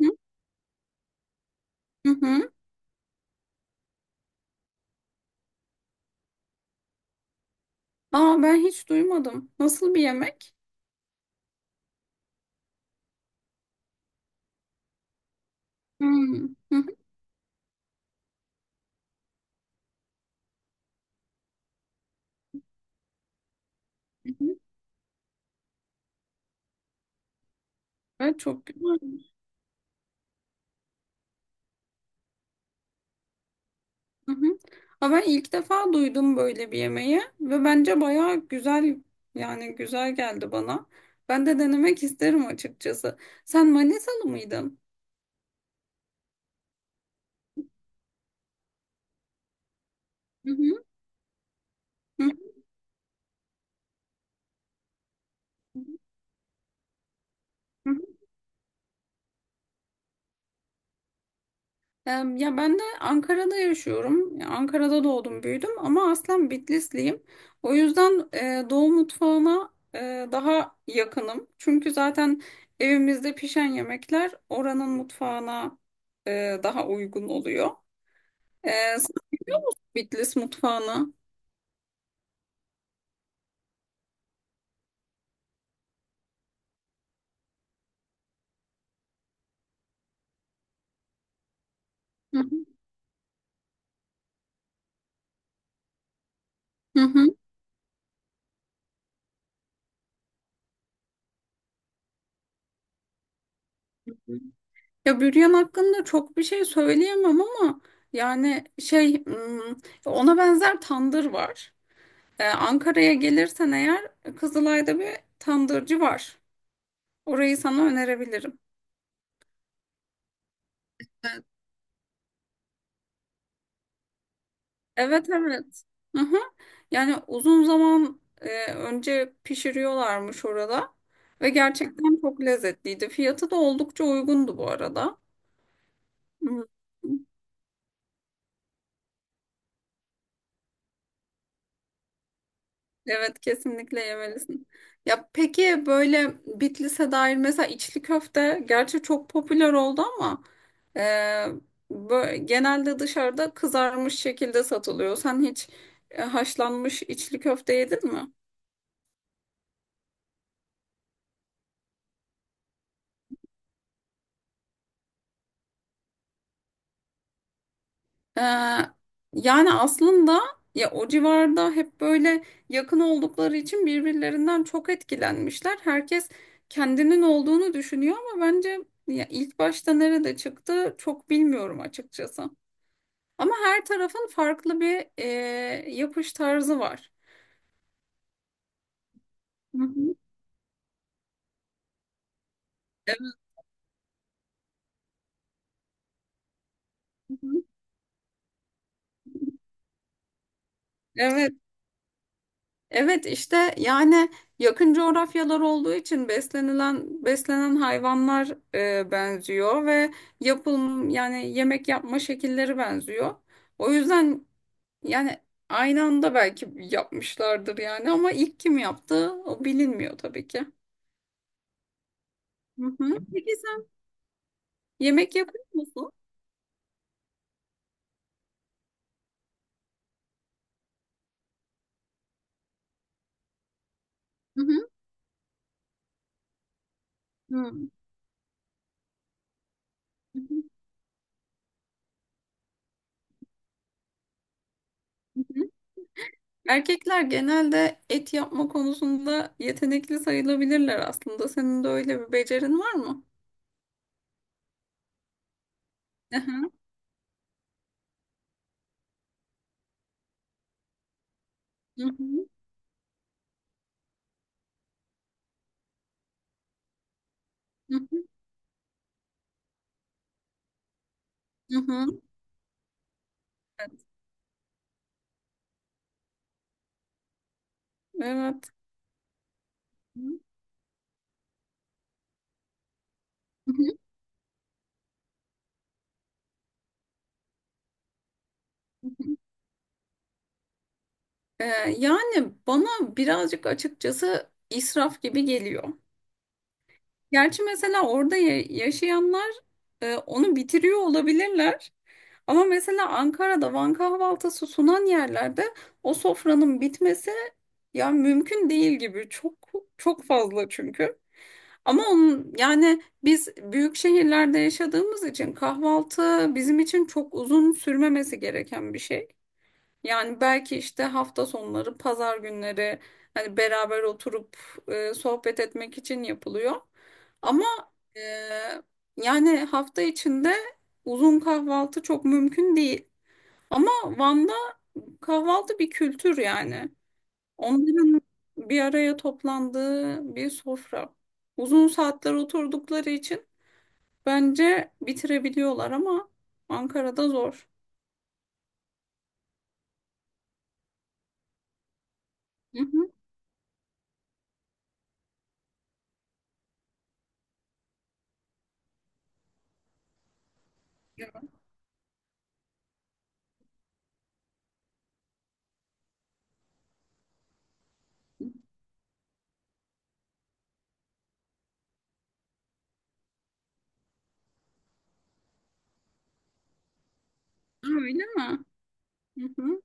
Hı hı. Hı. Aa, ben hiç duymadım. Nasıl bir yemek? Hmm. Hı hı. Hı hı. Evet, çok güzel. Hı hı. Aa, ben ilk defa duydum böyle bir yemeği ve bence bayağı güzel, yani güzel geldi bana. Ben de denemek isterim açıkçası. Sen Manisalı mıydın? Hı hı. Hı hı. Ya ben de Ankara'da yaşıyorum. Ya Ankara'da doğdum, büyüdüm ama aslen Bitlisliyim. O yüzden Doğu mutfağına daha yakınım. Çünkü zaten evimizde pişen yemekler oranın mutfağına daha uygun oluyor. E, Sen Bitlis mutfağına. Hı hı. Hı hı. Ya büryan hakkında çok bir şey söyleyemem ama yani ona benzer tandır var. Ankara'ya gelirsen eğer Kızılay'da bir tandırcı var. Orayı sana önerebilirim. Evet. Evet, evet. Hı-hı. Yani uzun zaman önce pişiriyorlarmış orada ve gerçekten çok lezzetliydi. Fiyatı da oldukça uygundu bu arada. Hı. Evet, kesinlikle yemelisin. Ya peki böyle Bitlis'e dair mesela içli köfte gerçi çok popüler oldu ama e, genelde dışarıda kızarmış şekilde satılıyor. Sen hiç haşlanmış içli köfte yedin mi? E, Yani aslında ya o civarda hep böyle yakın oldukları için birbirlerinden çok etkilenmişler. Herkes kendinin olduğunu düşünüyor ama bence ya ilk başta nerede çıktı çok bilmiyorum açıkçası. Ama her tarafın farklı bir yapış tarzı var. Hı hı. Evet, hı hı. Evet, evet işte yani yakın coğrafyalar olduğu için beslenilen beslenen hayvanlar benziyor ve yapım, yani yemek yapma şekilleri benziyor. O yüzden yani aynı anda belki yapmışlardır yani, ama ilk kim yaptı o bilinmiyor tabii ki. Hı hı. Peki sen yemek yapıyor musun? Hı hı. Hı hı. Hı hı. Erkekler genelde et yapma konusunda yetenekli sayılabilirler aslında. Senin de öyle bir becerin var mı? Hı hı, hı hı, hı hı, hı hı. Evet. Hı hı, hı hı. Ee, Yani bana birazcık açıkçası israf gibi geliyor. Gerçi mesela orada yaşayanlar onu bitiriyor olabilirler. Ama mesela Ankara'da Van kahvaltısı sunan yerlerde o sofranın bitmesi ya mümkün değil gibi. Çok çok fazla çünkü. Ama onun, yani biz büyük şehirlerde yaşadığımız için kahvaltı bizim için çok uzun sürmemesi gereken bir şey. Yani belki işte hafta sonları, pazar günleri hani beraber oturup sohbet etmek için yapılıyor. Ama e, yani hafta içinde uzun kahvaltı çok mümkün değil. Ama Van'da kahvaltı bir kültür yani. Onların bir araya toplandığı bir sofra. Uzun saatler oturdukları için bence bitirebiliyorlar ama Ankara'da zor. Hı hı. Aa, öyle mi? Hı hı.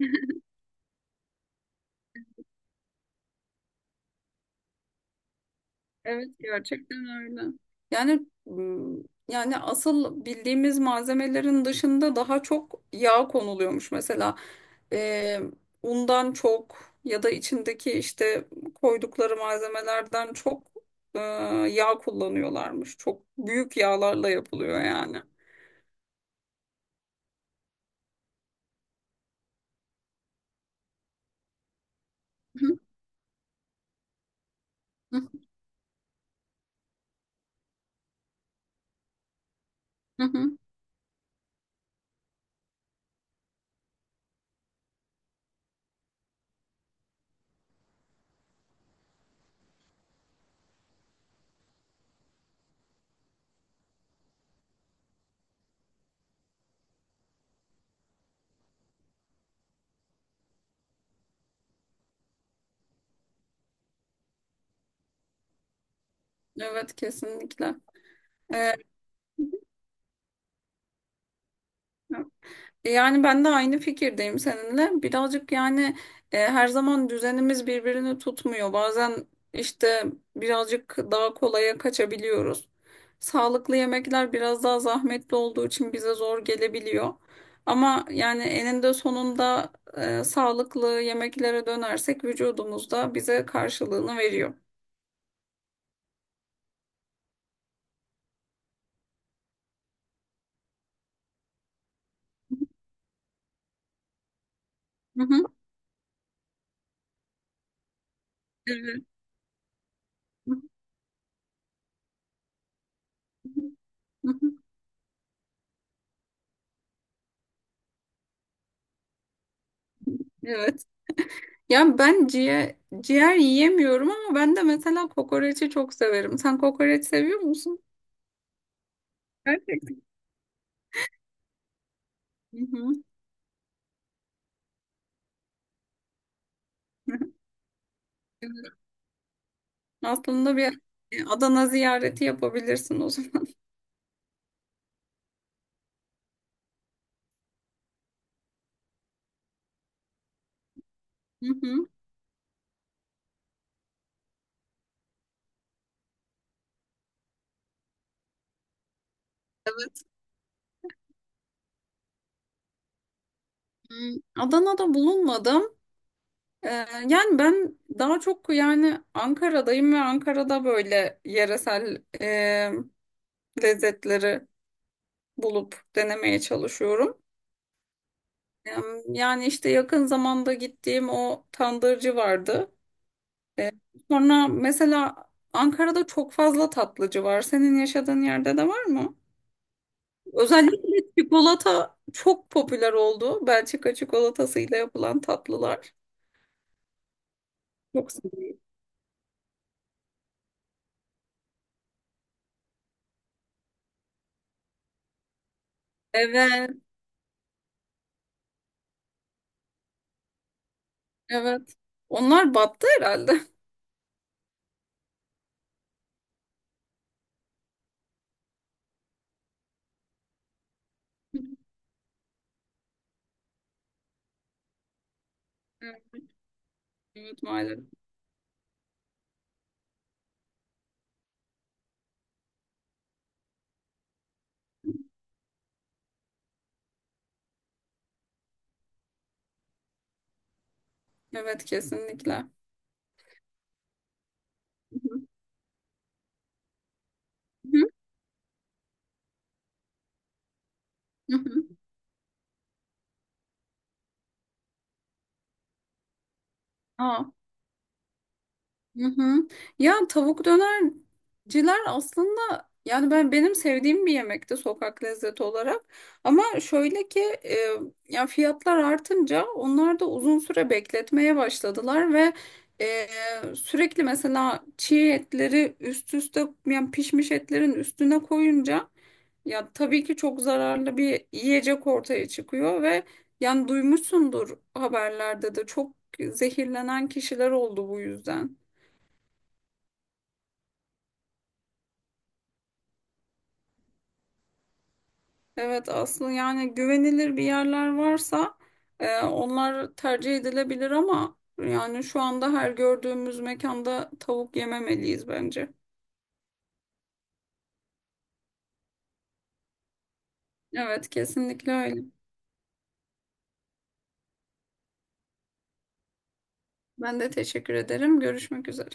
Evet, gerçekten öyle. Yani m, Yani asıl bildiğimiz malzemelerin dışında daha çok yağ konuluyormuş mesela. e, Undan çok ya da içindeki işte koydukları malzemelerden çok e, yağ kullanıyorlarmış. Çok büyük yağlarla yapılıyor yani. Hı hı. Hı hı. Evet, kesinlikle. E, Yani ben de aynı fikirdeyim seninle. Birazcık yani her zaman düzenimiz birbirini tutmuyor. Bazen işte birazcık daha kolaya kaçabiliyoruz. Sağlıklı yemekler biraz daha zahmetli olduğu için bize zor gelebiliyor. Ama yani eninde sonunda sağlıklı yemeklere dönersek vücudumuz da bize karşılığını veriyor. Hı hı. Evet. Evet. Ya ben ciğer yiyemiyorum ama ben de mesela kokoreçi çok severim. Sen kokoreç seviyor musun? Gerçekten. Hı hı. Aslında bir Adana ziyareti yapabilirsin o zaman. Hı hı. Evet. Hmm, Adana'da bulunmadım. Ee, Yani ben daha çok yani Ankara'dayım ve Ankara'da böyle yeresel lezzetleri bulup denemeye çalışıyorum. Yani işte yakın zamanda gittiğim o tandırcı vardı. E, Sonra mesela Ankara'da çok fazla tatlıcı var. Senin yaşadığın yerde de var mı? Özellikle çikolata çok popüler oldu. Belçika çikolatasıyla yapılan tatlılar. Çok seviyorum. Evet, evet. Onlar battı herhalde. Evet, evet maalesef. Evet, kesinlikle. Hı hı. Hı hı. Aa, hı hı. Ya tavuk dönerciler aslında yani ben benim sevdiğim bir yemekti sokak lezzeti olarak. Ama şöyle ki ya fiyatlar artınca onlar da uzun süre bekletmeye başladılar ve sürekli mesela çiğ etleri üst üste, yani pişmiş etlerin üstüne koyunca ya tabii ki çok zararlı bir yiyecek ortaya çıkıyor ve yani duymuşsundur haberlerde de çok zehirlenen kişiler oldu bu yüzden. Evet, aslında yani güvenilir bir yerler varsa onlar tercih edilebilir ama yani şu anda her gördüğümüz mekanda tavuk yememeliyiz bence. Evet, kesinlikle öyle. Ben de teşekkür ederim. Görüşmek üzere.